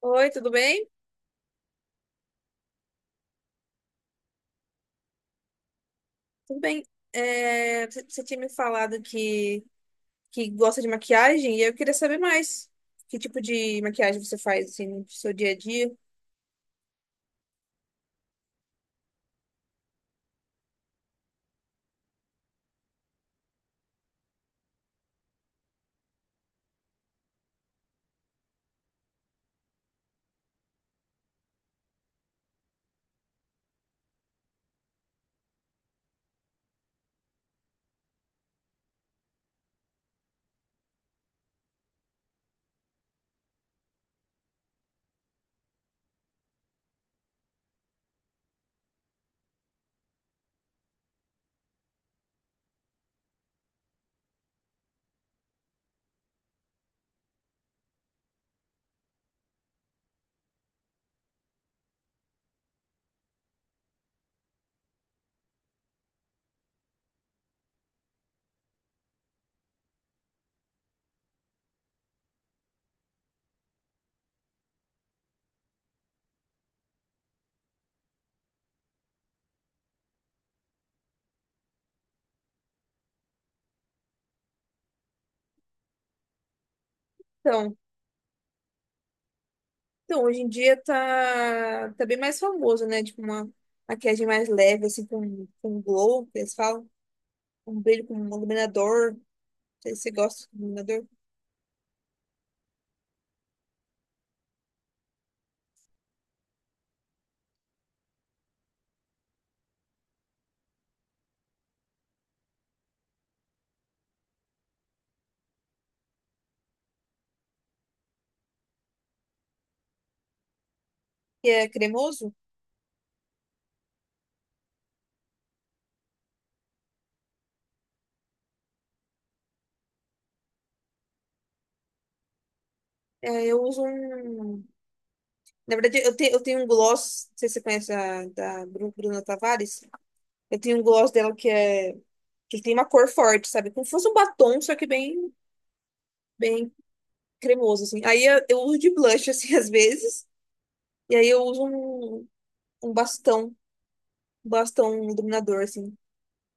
Oi, tudo bem? Tudo bem. Você tinha me falado que gosta de maquiagem e eu queria saber mais. Que tipo de maquiagem você faz assim, no seu dia a dia? Então, então, hoje em dia tá bem mais famoso, né? Tipo uma maquiagem mais leve, assim, com glow, que eles falam. Um brilho com um iluminador. Não sei se você gosta de iluminador. Que é cremoso. É, eu uso um... Na verdade, eu tenho um gloss, não sei se você conhece da Bruna Tavares. Eu tenho um gloss dela que tem uma cor forte, sabe? Como se fosse um batom, só que bem cremoso assim. Eu uso de blush assim às vezes, e aí eu uso um bastão, um bastão um iluminador assim,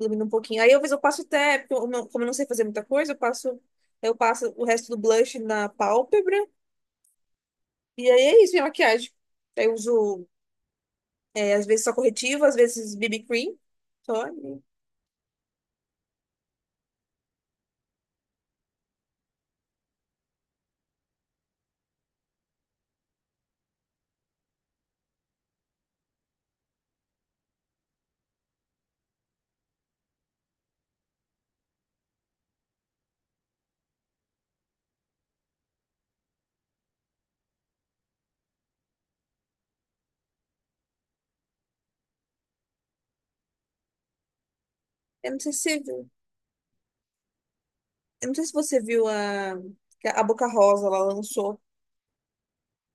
ilumina um pouquinho. Aí às vezes eu passo até, porque eu não- como eu não sei fazer muita coisa, eu passo o resto do blush na pálpebra, e aí é isso, minha maquiagem. Aí eu uso às vezes só corretivo, às vezes BB cream, só. E Eu não sei se você viu, eu não sei se você viu a que a Boca Rosa, ela lançou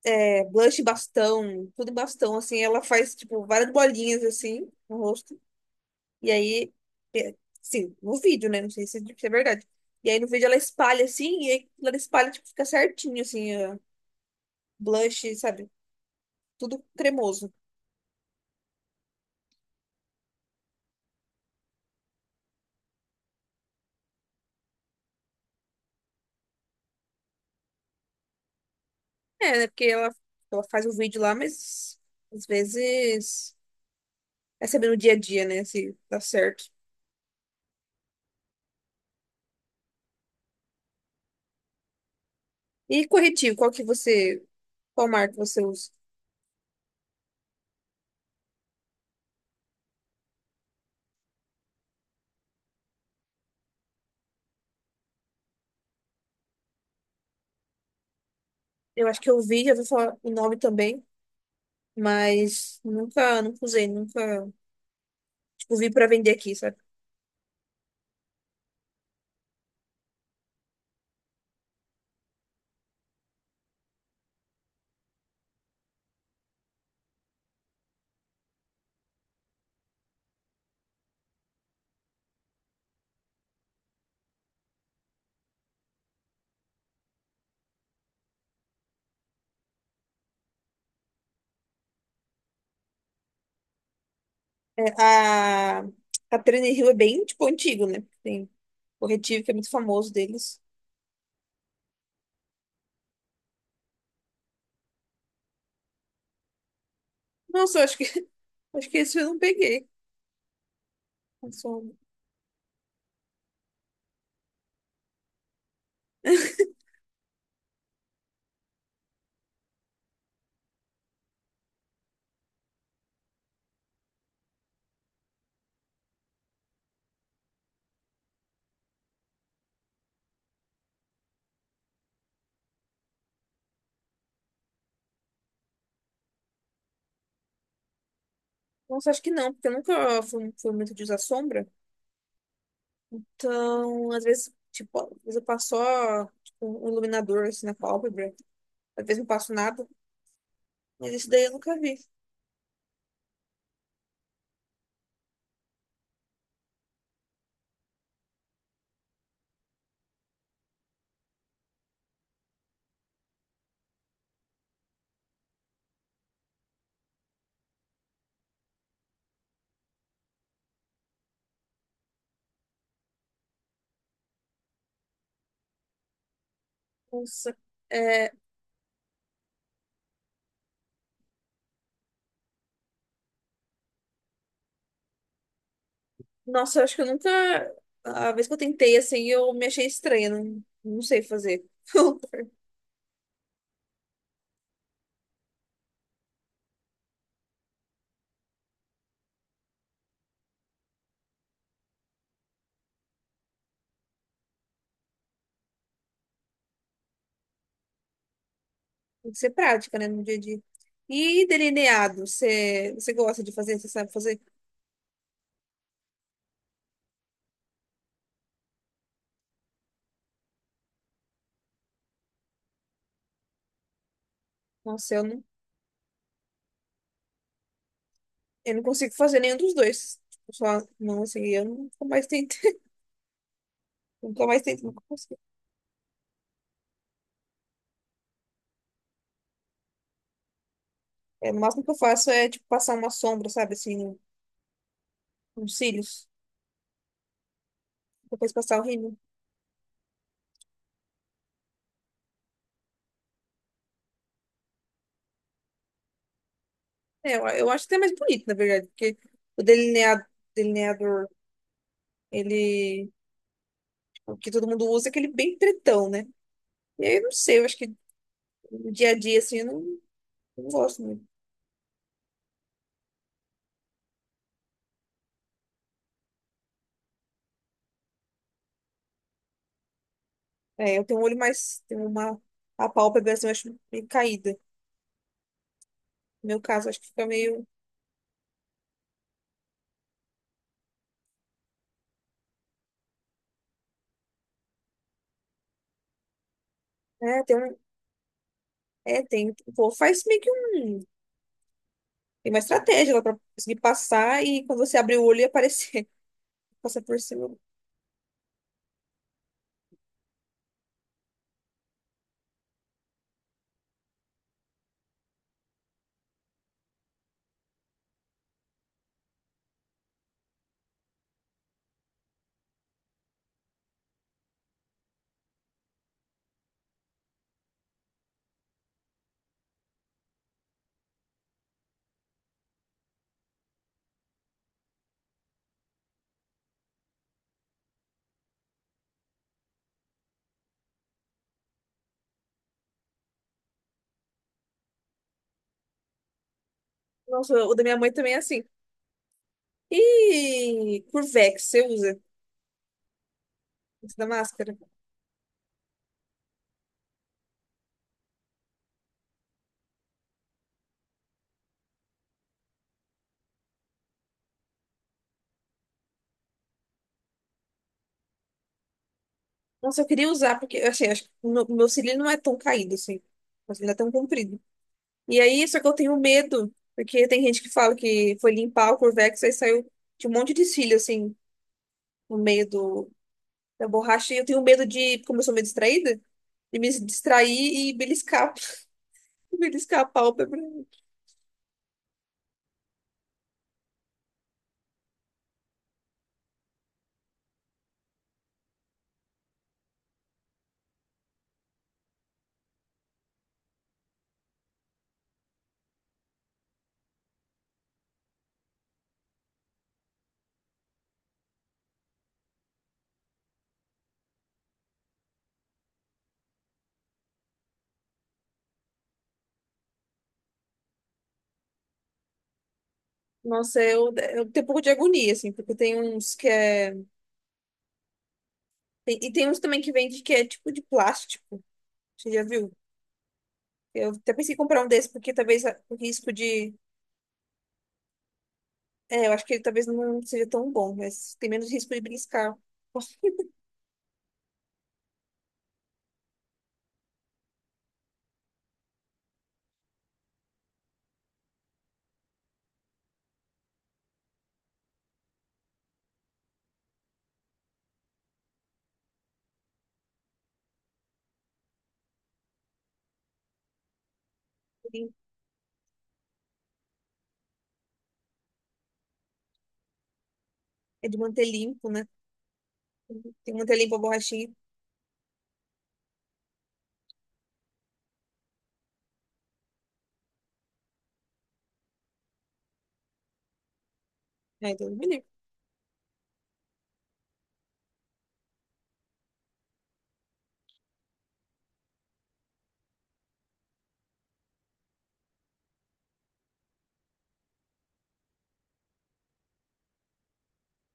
blush em bastão, tudo em bastão, assim. Ela faz, tipo, várias bolinhas, assim, no rosto. E aí, é, sim, no vídeo, né? Não sei se é verdade. E aí no vídeo ela espalha, assim, e aí ela espalha, tipo, fica certinho, assim, ó, blush, sabe? Tudo cremoso. É, né? Porque ela faz o vídeo lá, mas às vezes é saber no dia a dia, né? Se dá certo. E corretivo, qual marca você usa? Eu acho que eu vi, já vou falar o nome também. Mas nunca usei, nunca, tipo, vi pra vender aqui, sabe? É, a Trend Hill é bem, tipo, antigo, né? Tem corretivo que é muito famoso deles. Nossa, acho que esse eu não peguei. A sombra. Nossa, acho que não, porque eu nunca fui, fui muito de usar sombra. Então, às vezes, tipo, às vezes eu passo só, tipo, um iluminador, assim, na pálpebra. Às vezes não passo nada. Mas esse daí eu nunca vi. Nossa. É, nossa, eu acho que eu nunca. A vez que eu tentei, assim, eu me achei estranha. Não, não sei fazer. Tem que ser prática, né, no dia a dia. E delineado, você gosta de fazer? Você sabe fazer? Nossa, eu não consigo fazer nenhum dos dois. Tipo, só, não, assim, eu nunca mais tentei. Nunca mais tentei, nunca consigo. É, o máximo que eu faço é, tipo, passar uma sombra, sabe, assim, nos cílios. Depois passar o rímel. É, eu acho até mais bonito, na verdade, porque o delineador, ele. O que todo mundo usa é aquele bem pretão, né? E aí, eu não sei, eu acho que no dia a dia, assim, eu não, não gosto muito. É, eu tenho um olho mais, tenho uma, a pálpebra, assim, eu acho meio caída. No meu caso, eu acho que fica meio, é, tem um, é, tem, pô, faz meio que um, tem uma estratégia lá pra conseguir passar e quando você abrir o olho e aparecer, passar por cima. Nossa, o da minha mãe também é assim. E Curvex, você usa esse da máscara? Nossa, eu queria usar, porque assim, acho que o meu cílio não é tão caído assim. Meu cílio é tão comprido. E aí, só que eu tenho medo, porque tem gente que fala que foi limpar o Curvex, aí saiu de um monte de cílio, assim, no meio do, da borracha. E eu tenho medo de, como eu sou meio distraída, de me distrair e beliscar, beliscar a pálpebra. Nossa, eu tenho um pouco de agonia, assim, porque tem uns que é. E tem uns também que vende que é tipo de plástico. Você já viu? Eu até pensei em comprar um desse, porque talvez o risco de. É, eu acho que ele talvez não seja tão bom, mas tem menos risco de beliscar. É de manter limpo, né? Tem que manter limpo a borrachinha. É, então, me livre.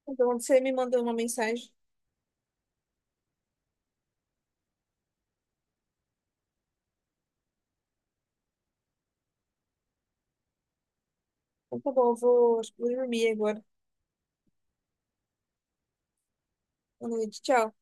Então, você me mandou uma mensagem. Então, tá bom, eu vou, acho que vou dormir agora. Boa noite, tchau.